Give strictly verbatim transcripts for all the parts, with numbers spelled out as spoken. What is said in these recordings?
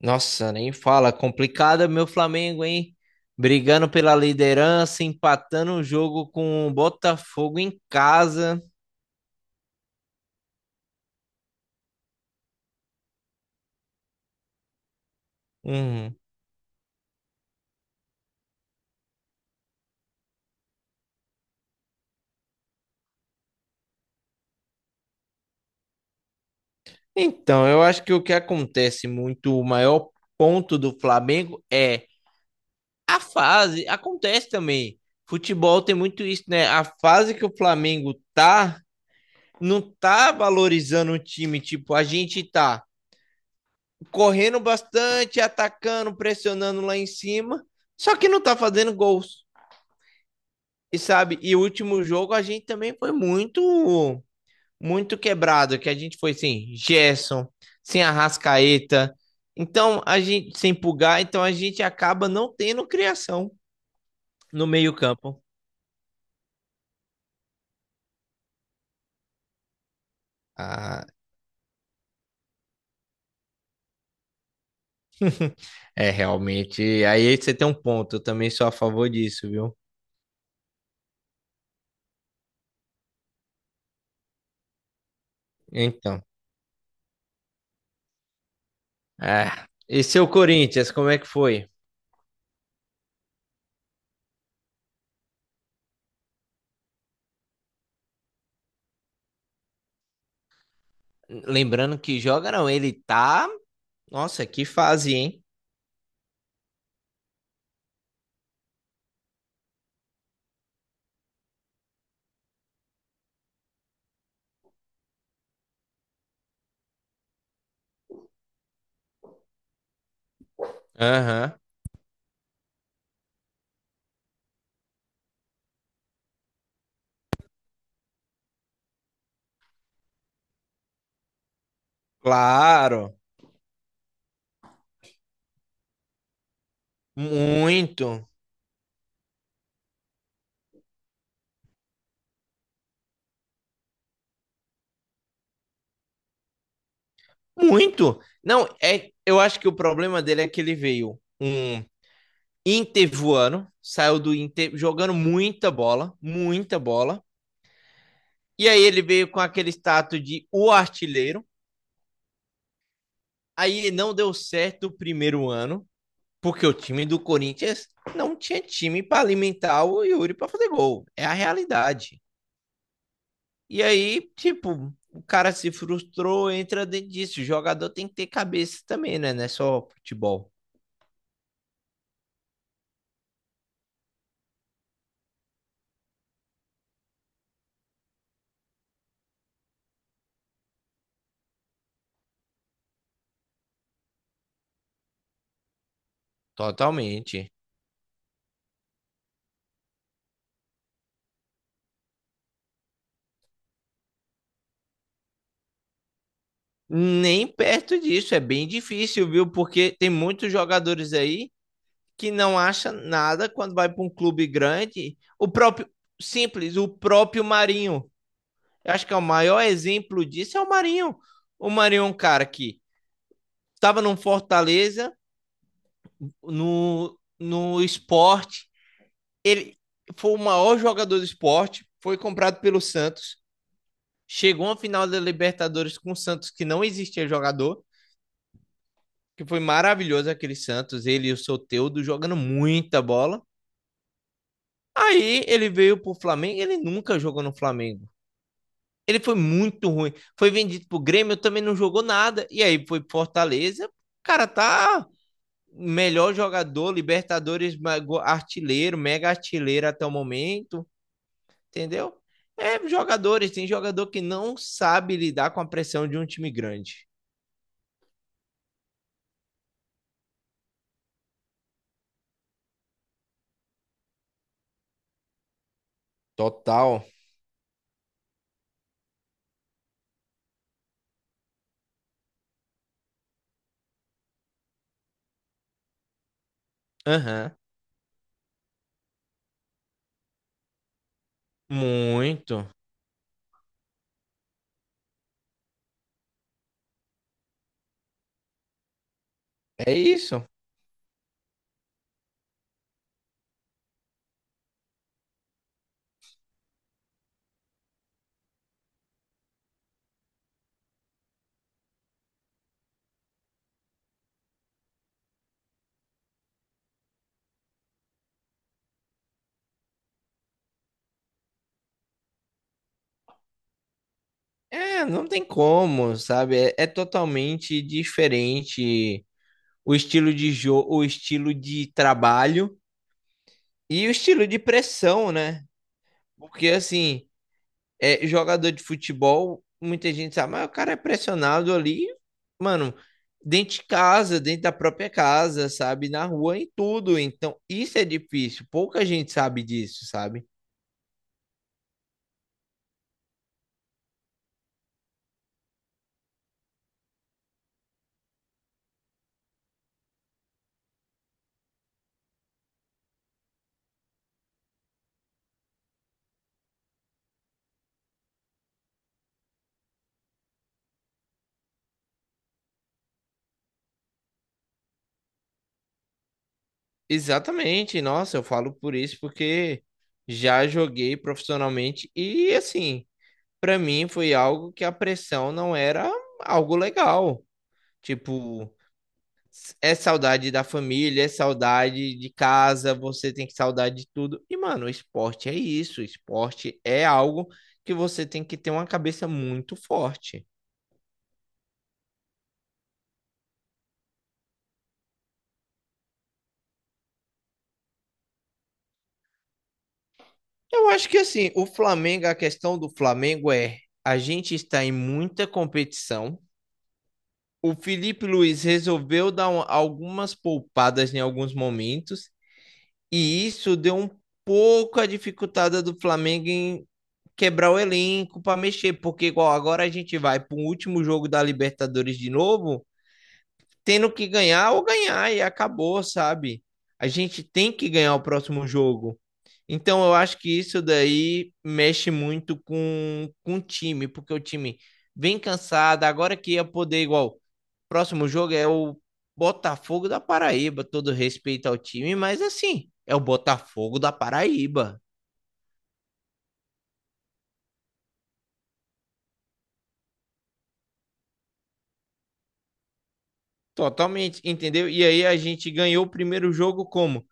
Nossa, nem fala. Complicado meu Flamengo, hein? Brigando pela liderança, empatando o jogo com o Botafogo em casa. Uhum. Então, eu acho que o que acontece muito, o maior ponto do Flamengo é a fase. Acontece também. Futebol tem muito isso, né? A fase que o Flamengo tá, não tá valorizando o time. Tipo, a gente tá correndo bastante, atacando, pressionando lá em cima, só que não tá fazendo gols. E sabe, e o último jogo a gente também foi muito, muito quebrado, que a gente foi sem Gerson, sem Arrascaeta. Então, a gente sem Pulgar, então a gente acaba não tendo criação no meio-campo. Ah, é realmente. Aí você tem um ponto, eu também sou a favor disso, viu? Então, é. E seu Corinthians, como é que foi? Lembrando que joga não, ele tá. Nossa, que fase, hein? Aham. Claro, muito. Muito. Não, é, eu acho que o problema dele é que ele veio um Inter voando, saiu do Inter jogando muita bola, muita bola. E aí ele veio com aquele status de o artilheiro. Aí não deu certo o primeiro ano, porque o time do Corinthians não tinha time para alimentar o Yuri para fazer gol. É a realidade. E aí, tipo, o cara se frustrou, entra dentro disso. O jogador tem que ter cabeça também, né? Não é só futebol. Totalmente. Nem perto disso, é bem difícil, viu? Porque tem muitos jogadores aí que não acham nada quando vai para um clube grande. O próprio, simples, o próprio Marinho. Eu acho que é o maior exemplo disso é o Marinho. O Marinho é um cara que estava no Fortaleza, no, no Sport. Ele foi o maior jogador do Sport, foi comprado pelo Santos, chegou à final da Libertadores com o Santos, que não existia jogador, que foi maravilhoso aquele Santos, ele e o Soteldo jogando muita bola. Aí ele veio pro Flamengo, ele nunca jogou no Flamengo. Ele foi muito ruim. Foi vendido pro Grêmio, também não jogou nada. E aí foi pro Fortaleza, o cara tá melhor jogador, Libertadores, artilheiro, mega artilheiro até o momento, entendeu? É jogadores, tem jogador que não sabe lidar com a pressão de um time grande. Total. Aham, uhum. Muito. É isso. É, não tem como, sabe? É, é totalmente diferente o estilo de jogo, o estilo de trabalho e o estilo de pressão, né? Porque assim, é, jogador de futebol, muita gente sabe, mas o cara é pressionado ali, mano, dentro de casa, dentro da própria casa, sabe? Na rua, em tudo. Então, isso é difícil. Pouca gente sabe disso, sabe? Exatamente. Nossa, eu falo por isso porque já joguei profissionalmente e assim. Para mim foi algo que a pressão não era algo legal. Tipo, é saudade da família, é saudade de casa, você tem que saudade de tudo. E, mano, o esporte é isso. O esporte é algo que você tem que ter uma cabeça muito forte. Eu acho que, assim, o Flamengo, a questão do Flamengo é a gente está em muita competição. O Felipe Luiz resolveu dar um- algumas poupadas em alguns momentos. E isso deu um pouco a dificultada do Flamengo em quebrar o elenco para mexer, porque igual agora a gente vai para o último jogo da Libertadores de novo, tendo que ganhar ou ganhar e acabou, sabe? A gente tem que ganhar o próximo jogo. Então, eu acho que isso daí mexe muito com, com, o time, porque o time vem cansado. Agora que ia poder, igual, próximo jogo é o Botafogo da Paraíba, todo respeito ao time, mas assim, é o Botafogo da Paraíba. Totalmente, entendeu? E aí a gente ganhou o primeiro jogo como?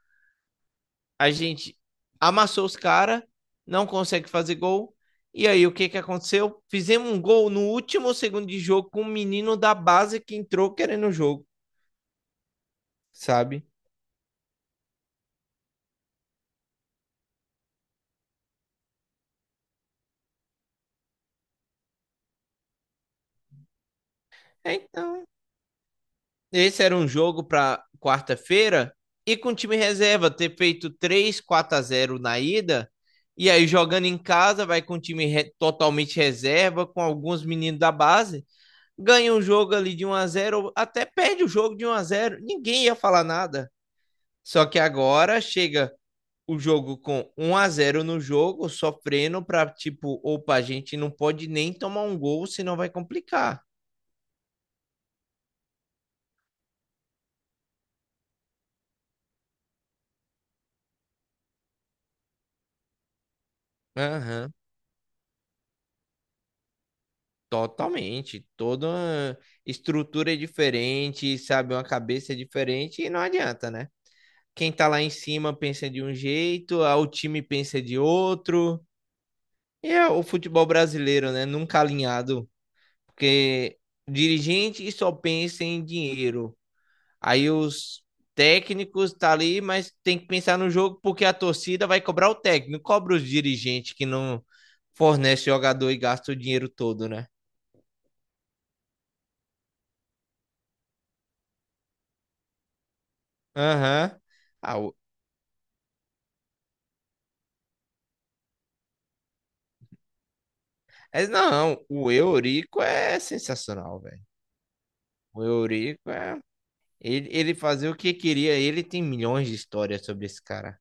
A gente amassou os caras, não consegue fazer gol. E aí, o que que aconteceu? Fizemos um gol no último segundo de jogo com um menino da base que entrou querendo o jogo. Sabe? Então, esse era um jogo para quarta-feira e com o time reserva ter feito três quatro a zero na ida, e aí jogando em casa vai com o time re totalmente reserva com alguns meninos da base, ganha um jogo ali de um a zero ou até perde o jogo de um a zero, ninguém ia falar nada. Só que agora chega o jogo com um a zero no jogo, sofrendo para tipo, opa, a gente não pode nem tomar um gol, senão vai complicar. Aham. Totalmente, toda uma estrutura é diferente, sabe, uma cabeça é diferente e não adianta, né? Quem tá lá em cima pensa de um jeito, ah, o time pensa de outro. E é o futebol brasileiro, né? Nunca alinhado, porque dirigente só pensa em dinheiro. Aí os técnicos tá ali, mas tem que pensar no jogo porque a torcida vai cobrar o técnico, cobra os dirigentes que não fornece jogador e gasta o dinheiro todo, né? Aham. Ah, mas não, o Eurico é sensacional, velho. O Eurico é. Ele, ele fazia o que queria. Ele tem milhões de histórias sobre esse cara.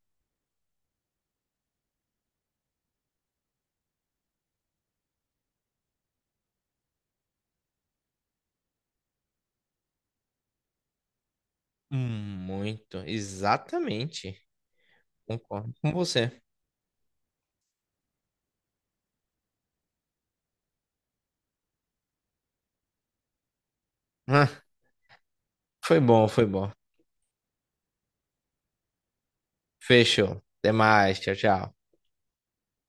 Hum. Muito. Exatamente. Concordo com você. Ah, foi bom, foi bom. Fechou. Até mais. Tchau, tchau.